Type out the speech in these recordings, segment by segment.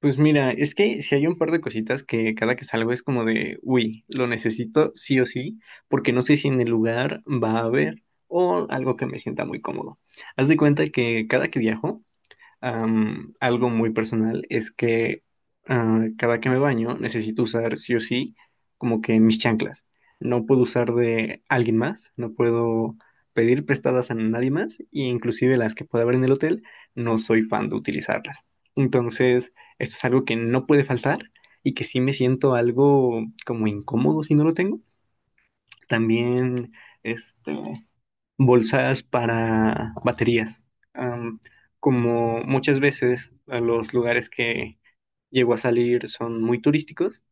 Pues mira, es que si hay un par de cositas que cada que salgo es como de, uy, lo necesito sí o sí, porque no sé si en el lugar va a haber o algo que me sienta muy cómodo. Haz de cuenta que cada que viajo, algo muy personal es que cada que me baño necesito usar sí o sí como que mis chanclas. No puedo usar de alguien más, no puedo pedir prestadas a nadie más e inclusive las que pueda haber en el hotel, no soy fan de utilizarlas. Entonces, esto es algo que no puede faltar y que sí me siento algo como incómodo si no lo tengo. También, este, bolsas para baterías. Am, como muchas veces a los lugares que llego a salir son muy turísticos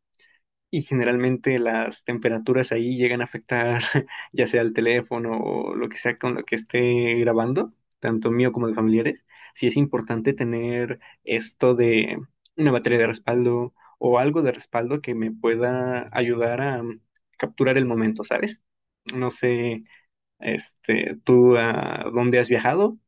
y generalmente las temperaturas ahí llegan a afectar ya sea el teléfono o lo que sea con lo que esté grabando, tanto mío como de familiares, sí es importante tener esto de una batería de respaldo o algo de respaldo que me pueda ayudar a capturar el momento, ¿sabes? No sé ¿tú a dónde has viajado?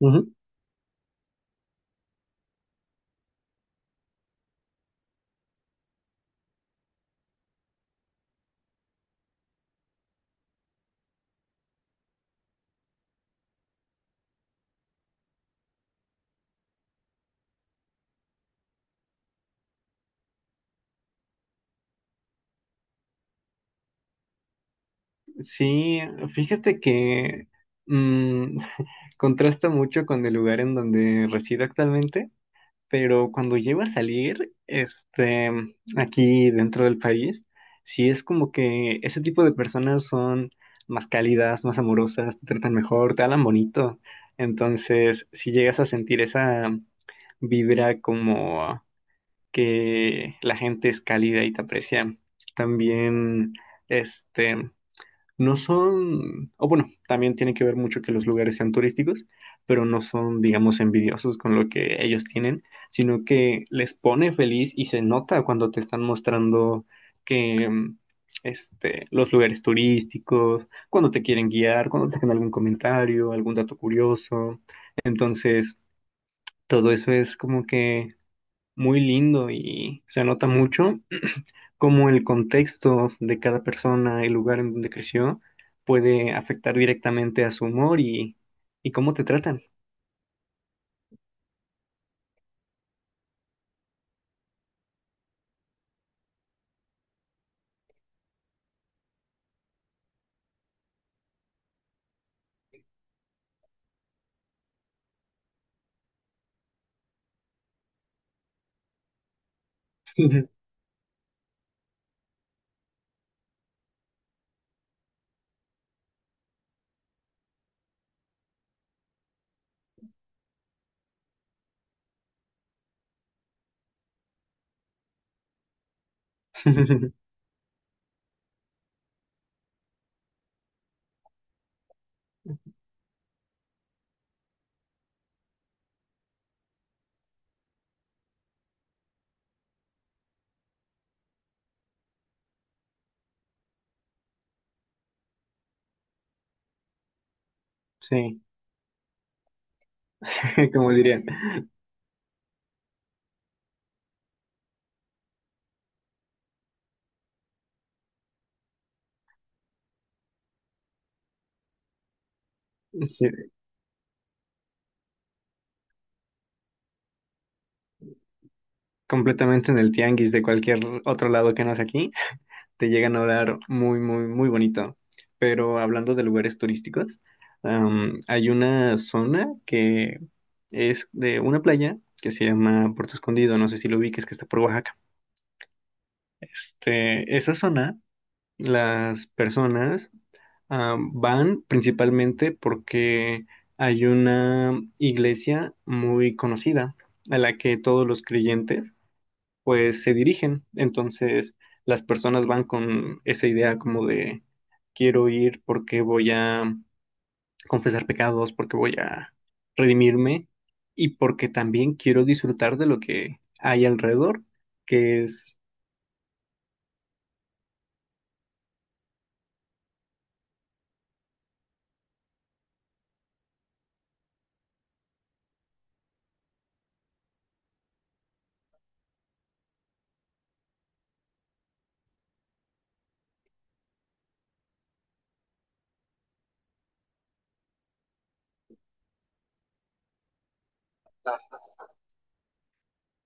Ujú. Sí, fíjate que mm, contrasta mucho con el lugar en donde resido actualmente, pero cuando llego a salir, aquí dentro del país, sí es como que ese tipo de personas son más cálidas, más amorosas, te tratan mejor, te hablan bonito. Entonces, si llegas a sentir esa vibra como que la gente es cálida y te aprecia. También, este, no son, o bueno, también tiene que ver mucho que los lugares sean turísticos, pero no son, digamos, envidiosos con lo que ellos tienen, sino que les pone feliz y se nota cuando te están mostrando que, los lugares turísticos, cuando te quieren guiar, cuando te hacen algún comentario, algún dato curioso. Entonces, todo eso es como que muy lindo y se nota mucho cómo el contexto de cada persona, el lugar en donde creció, puede afectar directamente a su humor y cómo te tratan. Sí, como diría, sí, completamente en el tianguis de cualquier otro lado que no es aquí, te llegan a hablar muy, muy, muy bonito. Pero hablando de lugares turísticos, hay una zona que es de una playa que se llama Puerto Escondido, no sé si lo ubiques, que está por Oaxaca. Esa zona, las personas van principalmente porque hay una iglesia muy conocida a la que todos los creyentes pues se dirigen. Entonces las personas van con esa idea como de quiero ir porque voy a confesar pecados, porque voy a redimirme y porque también quiero disfrutar de lo que hay alrededor, que es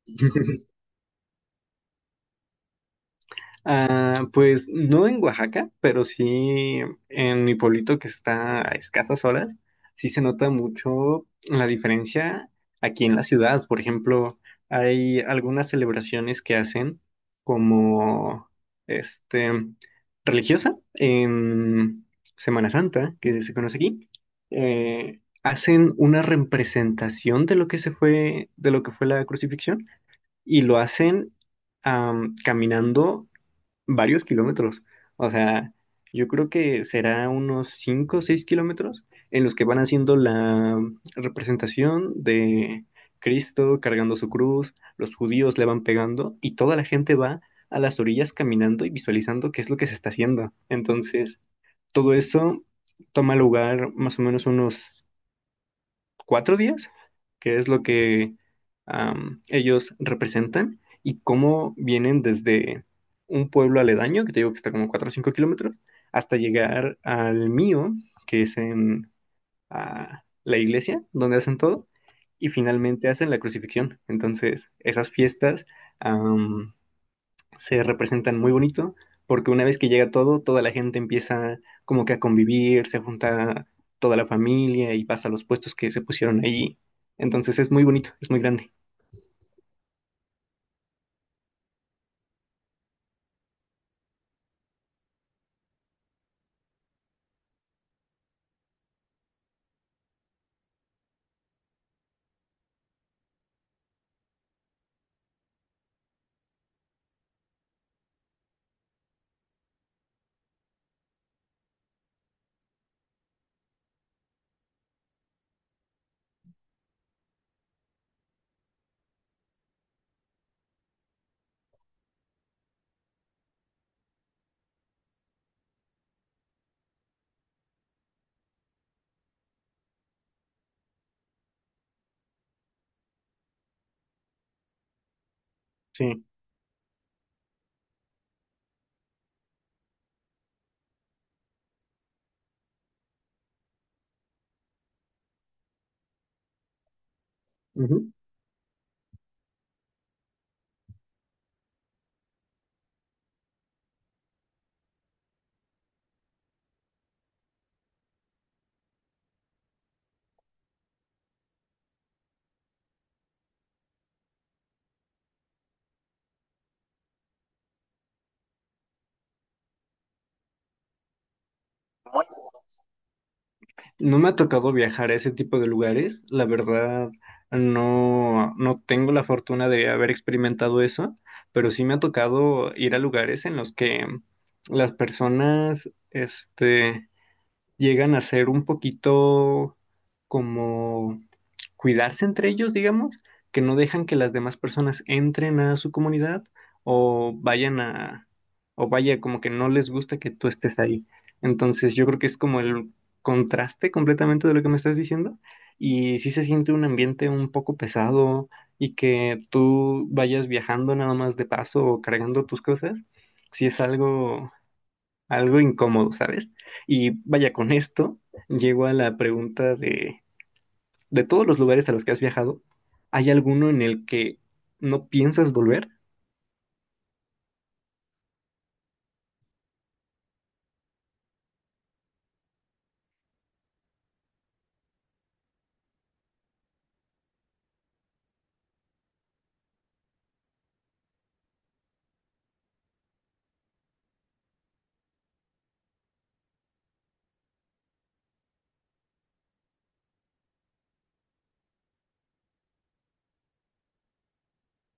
Ah, pues no en Oaxaca, pero sí en mi pueblito que está a escasas horas, sí se nota mucho la diferencia aquí en la ciudad. Por ejemplo, hay algunas celebraciones que hacen como este religiosa en Semana Santa, que se conoce aquí. Hacen una representación de lo que se fue, de lo que fue la crucifixión, y lo hacen caminando varios kilómetros. O sea, yo creo que será unos 5 o 6 kilómetros en los que van haciendo la representación de Cristo cargando su cruz, los judíos le van pegando y toda la gente va a las orillas caminando y visualizando qué es lo que se está haciendo. Entonces, todo eso toma lugar más o menos unos 4 días, que es lo que ellos representan, y cómo vienen desde un pueblo aledaño, que te digo que está como 4 o 5 kilómetros, hasta llegar al mío, que es en la iglesia, donde hacen todo, y finalmente hacen la crucifixión. Entonces, esas fiestas am, se representan muy bonito, porque una vez que llega todo, toda la gente empieza como que a convivir, se junta toda la familia y pasa a los puestos que se pusieron ahí. Entonces es muy bonito, es muy grande. Sí. Ujú. No me ha tocado viajar a ese tipo de lugares, la verdad no, no tengo la fortuna de haber experimentado eso, pero sí me ha tocado ir a lugares en los que las personas, llegan a ser un poquito como cuidarse entre ellos, digamos, que no dejan que las demás personas entren a su comunidad o vayan a, o vaya, como que no les gusta que tú estés ahí. Entonces, yo creo que es como el contraste completamente de lo que me estás diciendo. Y sí se siente un ambiente un poco pesado y que tú vayas viajando nada más de paso o cargando tus cosas, sí es algo incómodo, ¿sabes? Y vaya, con esto llego a la pregunta de todos los lugares a los que has viajado, ¿hay alguno en el que no piensas volver?